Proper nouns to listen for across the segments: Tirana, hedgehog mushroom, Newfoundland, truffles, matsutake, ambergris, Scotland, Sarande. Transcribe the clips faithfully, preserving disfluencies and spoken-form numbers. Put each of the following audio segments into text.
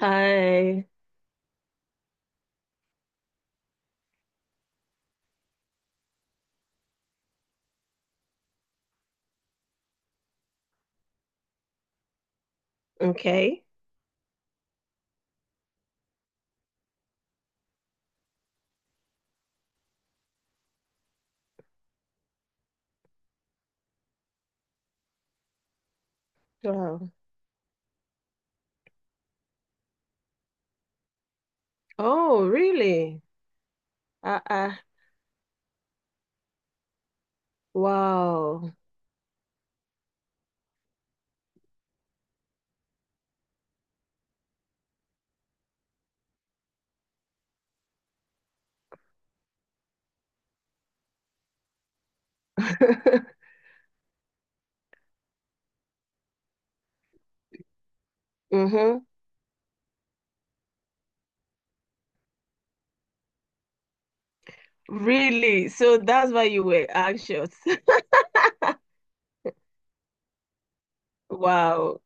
I Okay. Wow. Oh, really? Uh, uh, wow. Mm-hmm. Really? So that's why you were anxious. Wow.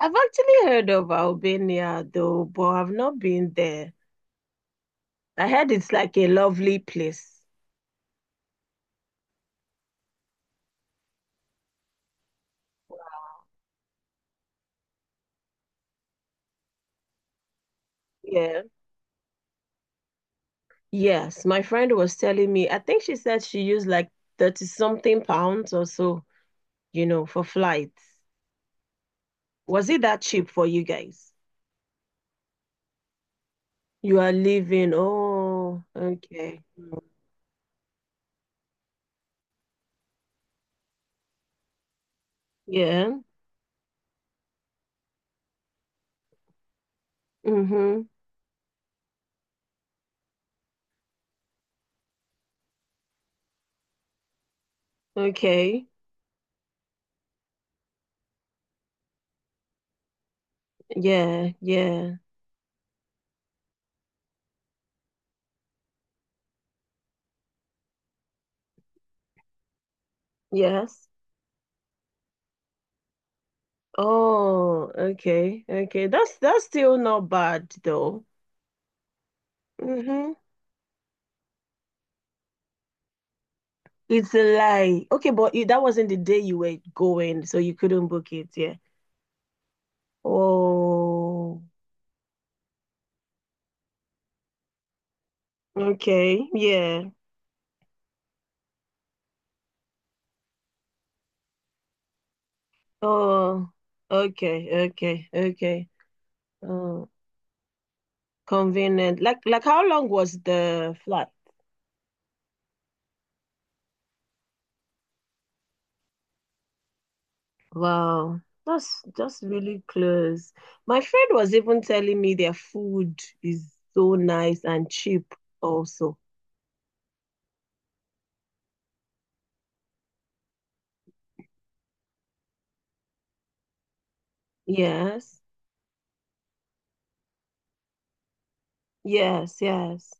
I've actually heard of Albania though, but I've not been there. I heard it's like a lovely place. Yeah. Yes, my friend was telling me, I think she said she used like thirty something pounds or so, you know, for flights. Was it that cheap for you guys? You are leaving. Oh, okay. Mm. Yeah. Mm-hmm. Okay. Yeah. Yeah. Yes. Oh, okay. Okay. That's that's still not bad though. Mm-hmm. It's a lie. Okay, but it, that wasn't the day you were going, so you couldn't book it. Yeah. Oh, okay. Yeah. Oh, okay. Okay. Okay. Oh, convenient. Like like how long was the flight? Wow, that's that's really close. My friend was even telling me their food is so nice and cheap also. Yes, yes, yes.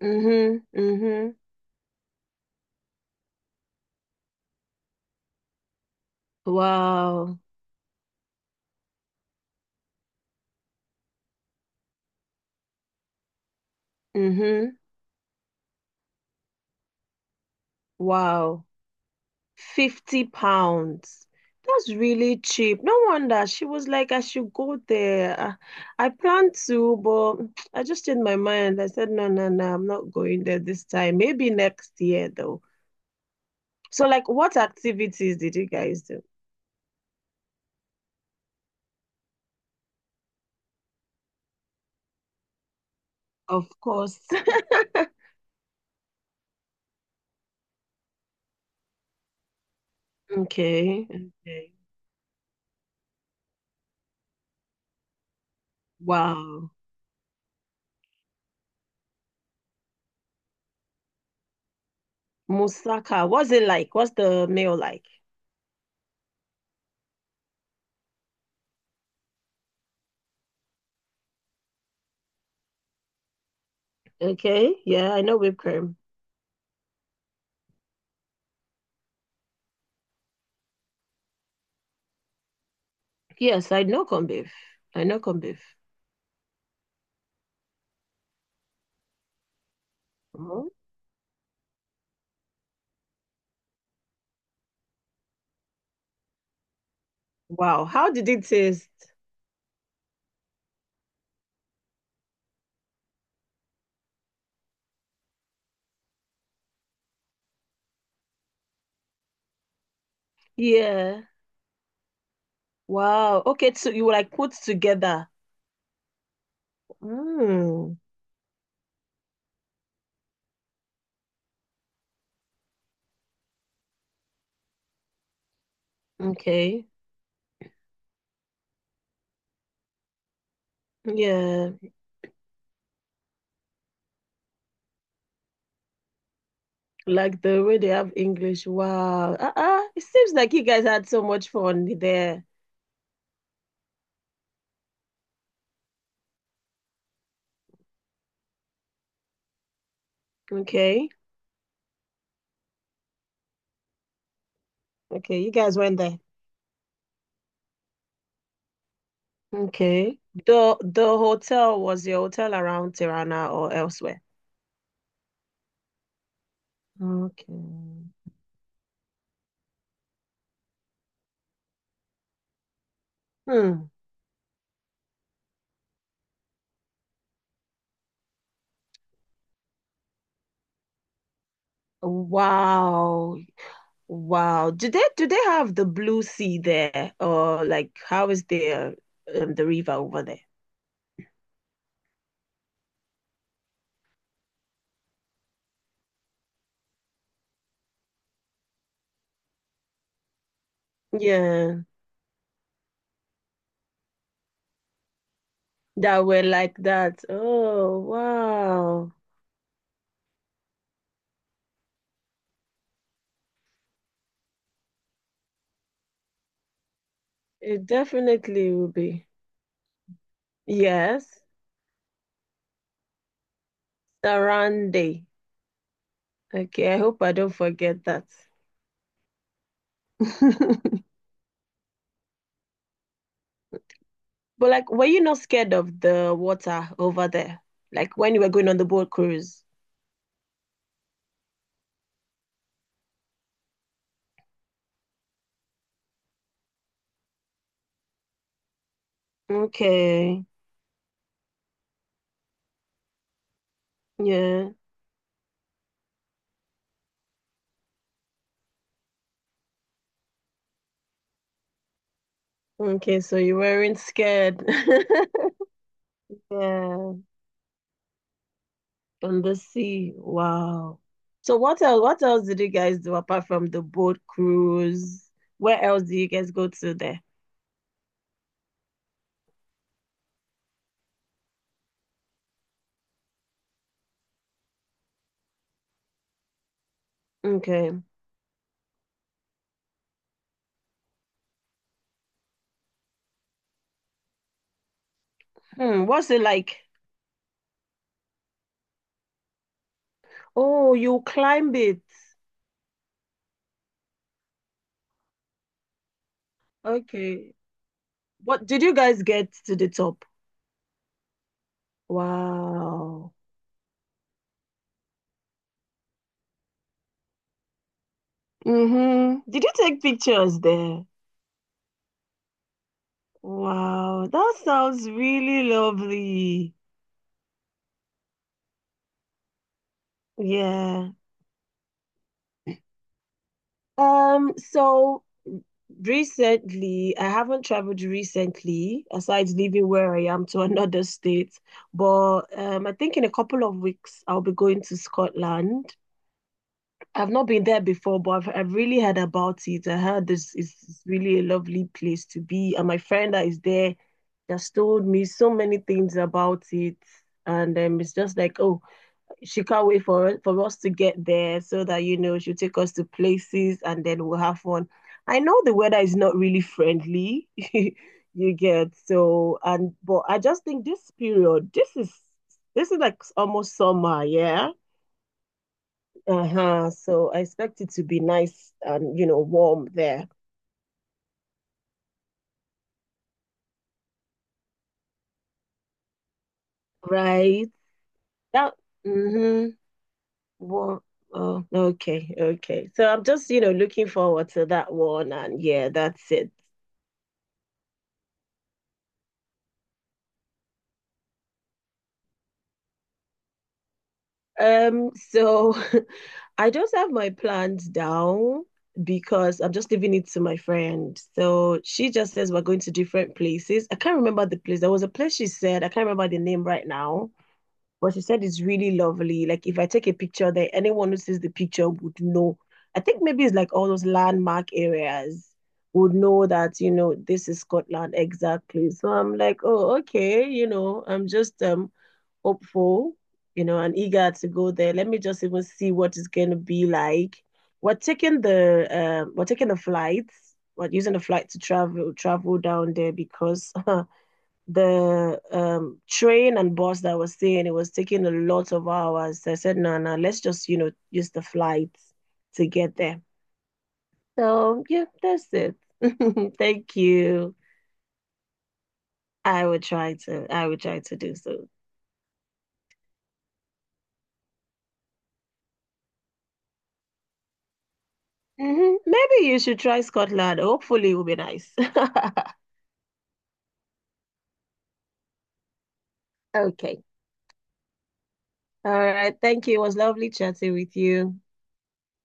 Mm-hmm, mm-hmm. Wow. Mm-hmm. Wow. fifty pounds. That's really cheap. No wonder she was like, I should go there. Uh, I planned to, but I just changed my mind. I said, no, no, no, I'm not going there this time. Maybe next year, though. So, like, what activities did you guys do? Of course. Okay, okay. Wow. Moussaka, what's it like? What's the meal like? Okay, yeah, I know whipped cream. Yes, I know corned beef. I know corned beef. Mhm. Wow, how did it taste? Yeah. Wow. Okay, so you like put together. Mm. Okay. Yeah, like the way they have English. Wow. Uh-uh. It seems like you guys had so much fun there. Okay. Okay, you guys went there. Okay. The the hotel was your hotel around Tirana or elsewhere? Okay. Hmm. Wow. Wow. Do they do they have the blue sea there? Or like how is the um, the river over there? Yeah, that were like that. Oh, wow. It definitely will be. Yes, Sarande. Okay, I hope I don't forget that. But like, were you not scared of the water over there? Like when you were going on the boat cruise? Okay. Yeah. Okay, so you weren't scared. Yeah. On the sea. Wow. So what else, what else did you guys do apart from the boat cruise? Where else do you guys go to there? Okay. Hmm. What's it like? Oh, you climb it. Okay. What did you guys get to the top? Wow. Mm-hmm. Did you take pictures there? Wow, that sounds really lovely. Yeah. Um, so recently, I haven't traveled recently, aside leaving where I am to another state. But um, I think in a couple of weeks I'll be going to Scotland. I've not been there before, but I've, I've really heard about it. I heard this is really a lovely place to be. And my friend that is there just told me so many things about it. And um, it's just like, oh, she can't wait for for us to get there so that, you know, she'll take us to places and then we'll have fun. I know the weather is not really friendly, you get. So, and but I just think this period, this is this is like almost summer, yeah. Uh-huh. So I expect it to be nice and, you know, warm there. Right. That Mm-hmm. Warm. Oh, okay, okay. So I'm just, you know, looking forward to that one and yeah, that's it. Um, so I just have my plans down because I'm just leaving it to my friend. So she just says we're going to different places. I can't remember the place. There was a place she said, I can't remember the name right now. But she said it's really lovely. Like if I take a picture there, anyone who sees the picture would know. I think maybe it's like all those landmark areas would know that, you know, this is Scotland exactly. So I'm like, oh, okay, you know, I'm just um hopeful, you know, and eager to go there. Let me just even see what it's gonna be like. We're taking the um we're taking the flights, we're using the flight to travel travel down there because the um, train and bus that I was saying, it was taking a lot of hours. I said, no, no, let's just, you know, use the flight to get there. So yeah, that's it. Thank you. I would try to, I would try to do so. Mm-hmm. Maybe you should try Scotland. Hopefully it will be nice. Okay. All right. Thank you. It was lovely chatting with you.